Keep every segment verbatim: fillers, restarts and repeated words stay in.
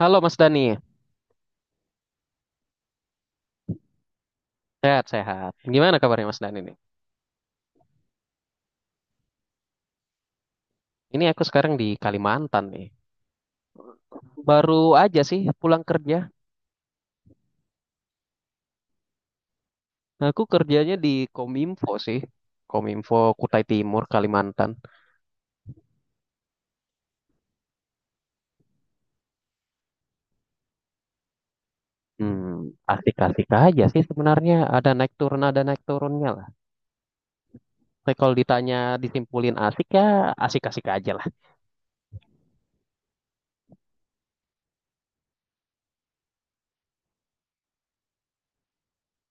Halo Mas Dani, sehat-sehat. Gimana kabarnya Mas Dani nih? Ini aku sekarang di Kalimantan nih. Baru aja sih pulang kerja. Aku kerjanya di Kominfo sih. Kominfo Kutai Timur, Kalimantan. Hmm, asik-asik aja sih sebenarnya. Ada naik turun, ada naik turunnya lah. Tapi kalau ditanya disimpulin asik ya asik-asik aja lah.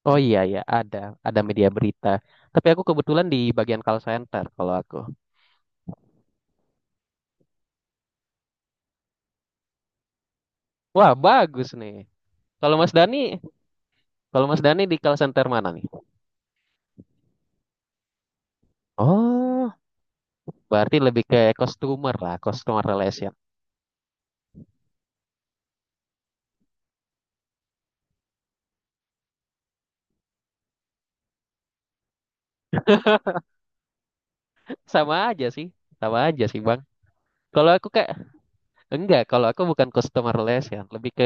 Oh iya ya, ada. Ada media berita. Tapi aku kebetulan di bagian call center kalau aku. Wah, bagus nih. Kalau Mas Dani, kalau Mas Dani di call center mana nih? Oh, berarti lebih ke customer lah, customer relation. Sama aja sih, sama aja sih Bang. Kalau aku kayak, enggak, kalau aku bukan customer relation, lebih ke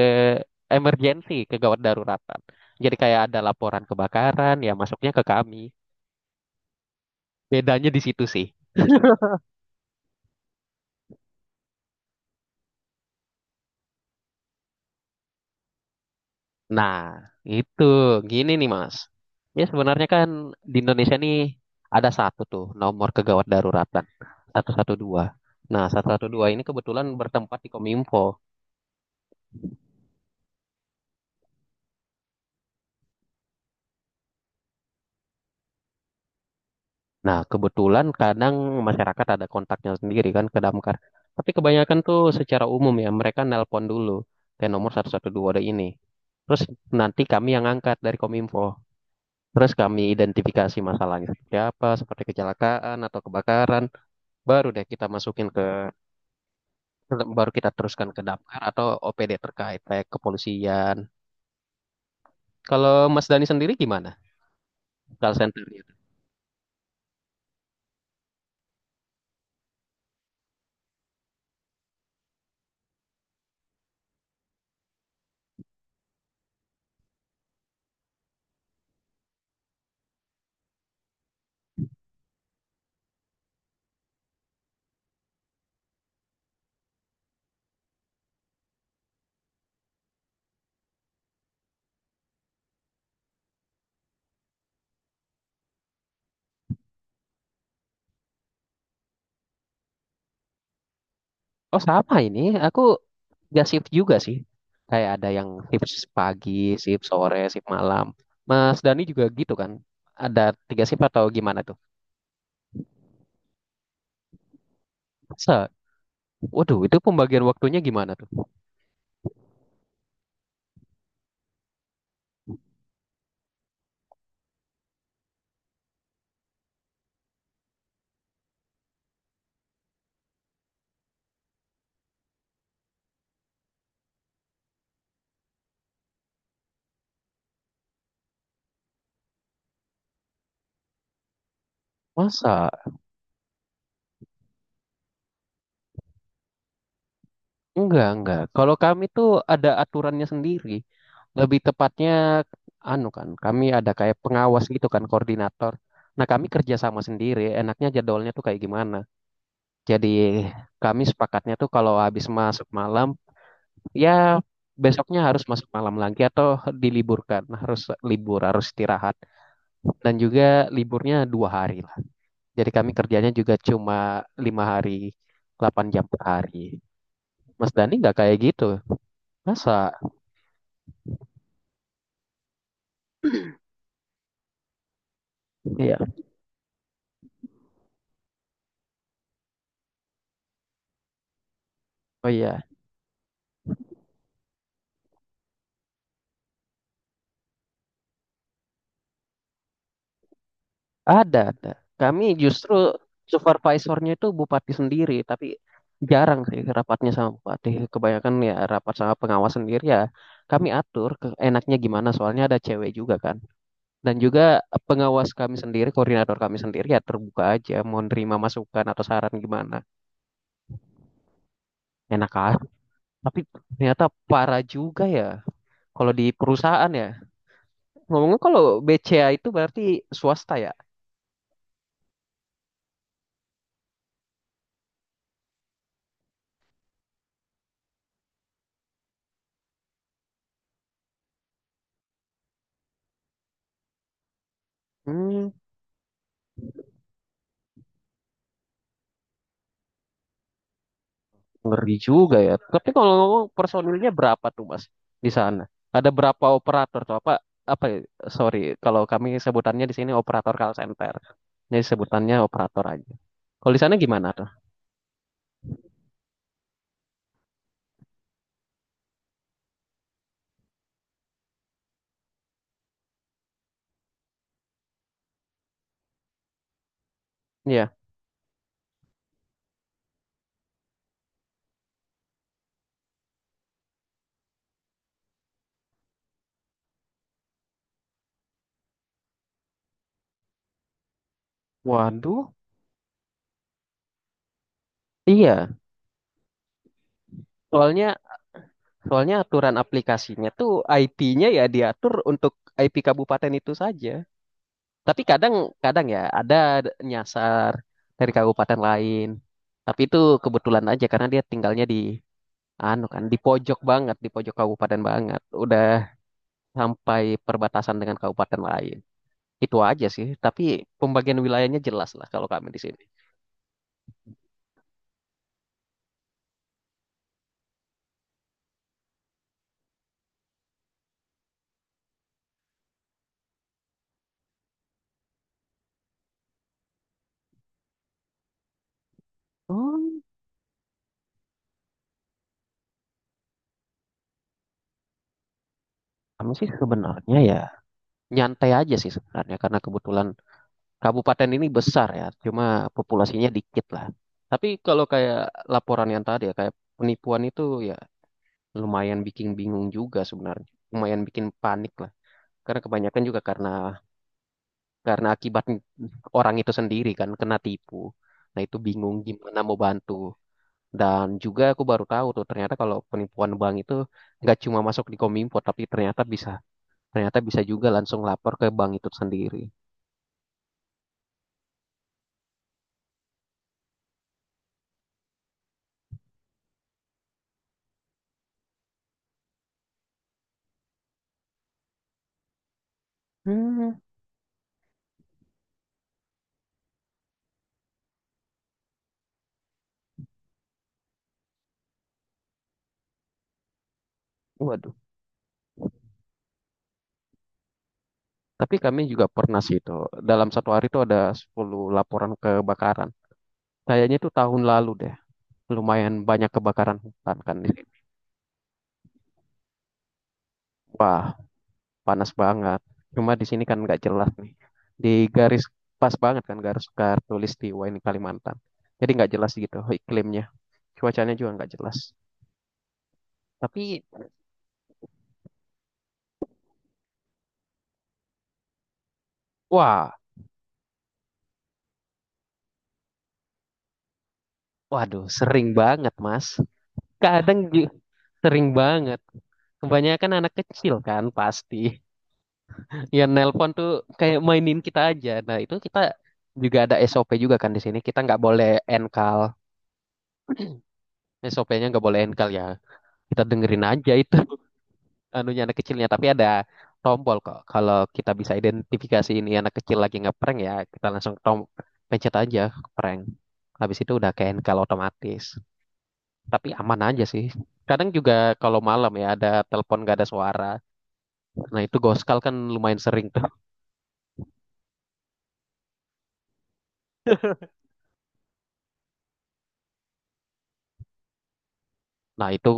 emergency, kegawat daruratan. Jadi kayak ada laporan kebakaran, ya masuknya ke kami. Bedanya di situ sih. Nah, itu, gini nih Mas. Ya sebenarnya kan di Indonesia nih ada satu tuh nomor kegawat daruratan, satu satu dua. Nah, satu satu dua ini kebetulan bertempat di Kominfo. Nah, kebetulan kadang masyarakat ada kontaknya sendiri kan ke damkar. Tapi kebanyakan tuh secara umum ya, mereka nelpon dulu ke nomor satu, satu dua ada ini. Terus nanti kami yang angkat dari Kominfo. Terus kami identifikasi masalahnya seperti apa, seperti kecelakaan atau kebakaran. Baru deh kita masukin ke, baru kita teruskan ke damkar atau O P D terkait, kayak kepolisian. Kalau Mas Dani sendiri gimana? Call center. Oh sama ini, aku gak shift juga sih. Kayak ada yang shift pagi, shift sore, shift malam. Mas Dani juga gitu kan? Ada tiga shift atau gimana tuh? Masa? Waduh, itu pembagian waktunya gimana tuh? Masa? Enggak, enggak. Kalau kami tuh ada aturannya sendiri. Lebih tepatnya, anu kan, kami ada kayak pengawas gitu kan, koordinator. Nah, kami kerja sama sendiri. Enaknya jadwalnya tuh kayak gimana? Jadi, kami sepakatnya tuh kalau habis masuk malam, ya besoknya harus masuk malam lagi atau diliburkan harus libur harus istirahat dan juga liburnya dua hari lah, jadi kami kerjanya juga cuma lima hari delapan jam per hari. Mas Dani nggak kayak gitu, masa? Iya, oh iya, ada ada kami justru supervisornya itu bupati sendiri, tapi jarang sih rapatnya sama bupati. Kebanyakan ya rapat sama pengawas sendiri ya, kami atur ke enaknya gimana soalnya ada cewek juga kan. Dan juga pengawas kami sendiri, koordinator kami sendiri ya terbuka aja, mau nerima masukan atau saran gimana. Enak aja. Tapi ternyata parah juga ya. Kalau di perusahaan ya. Ngomongnya kalau B C A itu berarti swasta ya. Hmm, ngeri juga ya. Tapi kalau ngomong personilnya berapa tuh Mas di sana? Ada berapa operator tuh, apa? Apa ya? Sorry, kalau kami sebutannya di sini operator call center. Jadi sebutannya operator aja. Kalau di sana gimana tuh? Iya. Waduh. Iya, soalnya Soalnya aturan aplikasinya tuh I P-nya ya diatur untuk I P kabupaten itu saja. Tapi kadang-kadang ya ada nyasar dari kabupaten lain. Tapi itu kebetulan aja karena dia tinggalnya di anu kan di pojok banget, di pojok kabupaten banget. Udah sampai perbatasan dengan kabupaten lain. Itu aja sih, tapi pembagian wilayahnya jelas lah kalau kami di sini. Hmm, kami sih sebenarnya ya nyantai aja sih sebenarnya karena kebetulan kabupaten ini besar ya, cuma populasinya dikit lah. Tapi kalau kayak laporan yang tadi ya, kayak penipuan itu ya lumayan bikin bingung juga sebenarnya. Lumayan bikin panik lah. Karena kebanyakan juga karena karena akibat orang itu sendiri kan kena tipu. Nah itu bingung gimana mau bantu. Dan juga aku baru tahu tuh ternyata kalau penipuan bank itu nggak cuma masuk di Kominfo tapi ternyata bisa ternyata bisa juga langsung lapor ke bank itu sendiri. Hmm. Waduh. Tapi kami juga pernah sih itu. Dalam satu hari itu ada sepuluh laporan kebakaran. Kayaknya itu tahun lalu deh. Lumayan banyak kebakaran hutan kan. Wah, panas banget. Cuma di sini kan nggak jelas nih. Di garis pas banget kan garis tulis di ini Kalimantan. Jadi nggak jelas gitu iklimnya. Cuacanya juga nggak jelas. Tapi wah, waduh, sering banget Mas. Kadang ju- sering banget. Kebanyakan anak kecil kan pasti. Ya nelpon tuh kayak mainin kita aja. Nah itu kita juga ada S O P juga kan di sini. Kita nggak boleh enkal. S O P-nya nggak boleh enkal ya. Kita dengerin aja itu anunya anak kecilnya. Tapi ada tombol kok. Kalau kita bisa identifikasi ini anak kecil lagi ngeprank ya, kita langsung tom pencet aja prank. Habis itu udah ke enkal otomatis. Tapi aman aja sih. Kadang juga kalau malam ya ada telepon gak ada suara. Nah itu goskal kan lumayan sering tuh. Nah, itu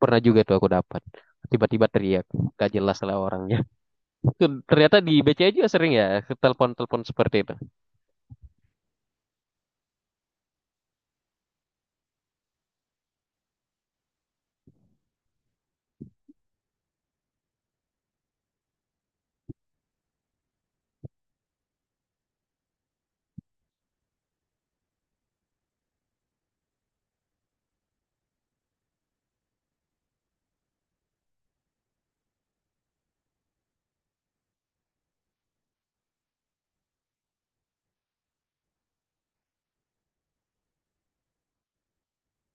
pernah juga tuh aku dapat. Tiba-tiba teriak, gak jelas lah orangnya. Ternyata di B C A juga sering ya, telepon-telepon seperti itu.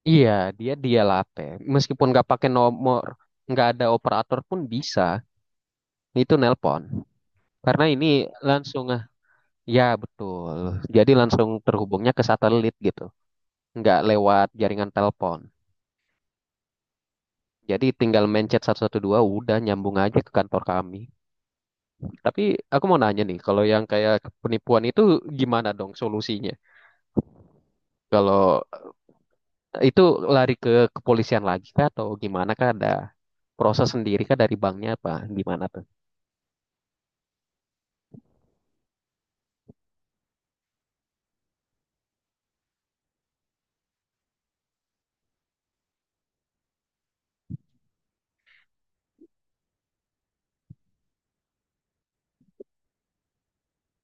Iya, dia dia latte. Meskipun nggak pakai nomor, nggak ada operator pun bisa. Itu nelpon. Karena ini langsung, ah, ya betul. Jadi langsung terhubungnya ke satelit gitu. Nggak lewat jaringan telepon. Jadi tinggal mencet satu satu dua udah nyambung aja ke kantor kami. Tapi aku mau nanya nih, kalau yang kayak penipuan itu gimana dong solusinya? Kalau eh, itu lari ke kepolisian lagi kah atau gimana kah, ada proses sendiri kah dari banknya apa gimana tuh?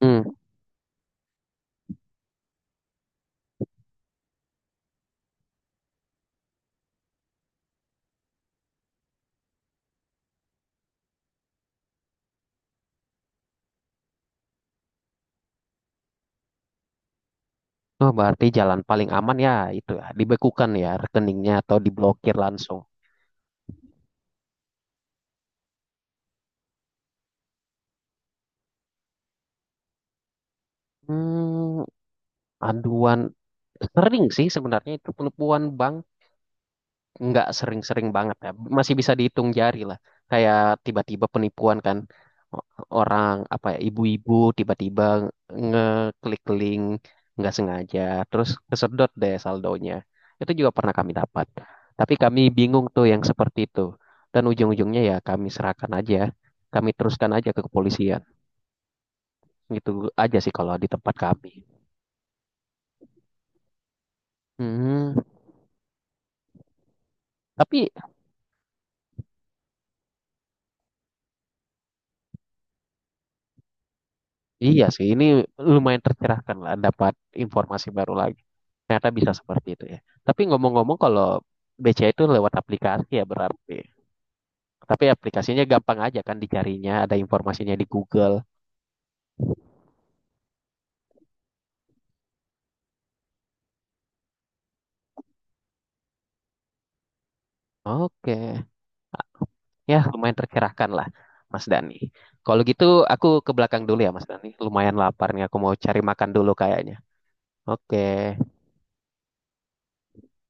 Hmm. Oh, berarti jalan paling aman ya itu ya, dibekukan ya rekeningnya atau diblokir langsung. Hmm, aduan sering sih sebenarnya, itu penipuan bank nggak sering-sering banget ya, masih bisa dihitung jari lah. Kayak tiba-tiba penipuan kan, o- orang apa ya, ibu-ibu tiba-tiba ngeklik link nggak sengaja terus kesedot deh saldonya. Itu juga pernah kami dapat, tapi kami bingung tuh yang seperti itu, dan ujung-ujungnya ya kami serahkan aja, kami teruskan aja ke kepolisian. Gitu aja sih kalau di tempat kami. Hmm, tapi iya sih ini lumayan tercerahkan lah, dapat informasi baru lagi. Ternyata bisa seperti itu ya. Tapi ngomong-ngomong kalau B C A itu lewat aplikasi ya berarti. Tapi aplikasinya gampang aja kan dicarinya, ada informasinya di Google. Oke, ya lumayan tercerahkan lah Mas Dani. Kalau gitu aku ke belakang dulu ya Mas Dani, lumayan lapar nih aku mau cari makan dulu kayaknya. Oke.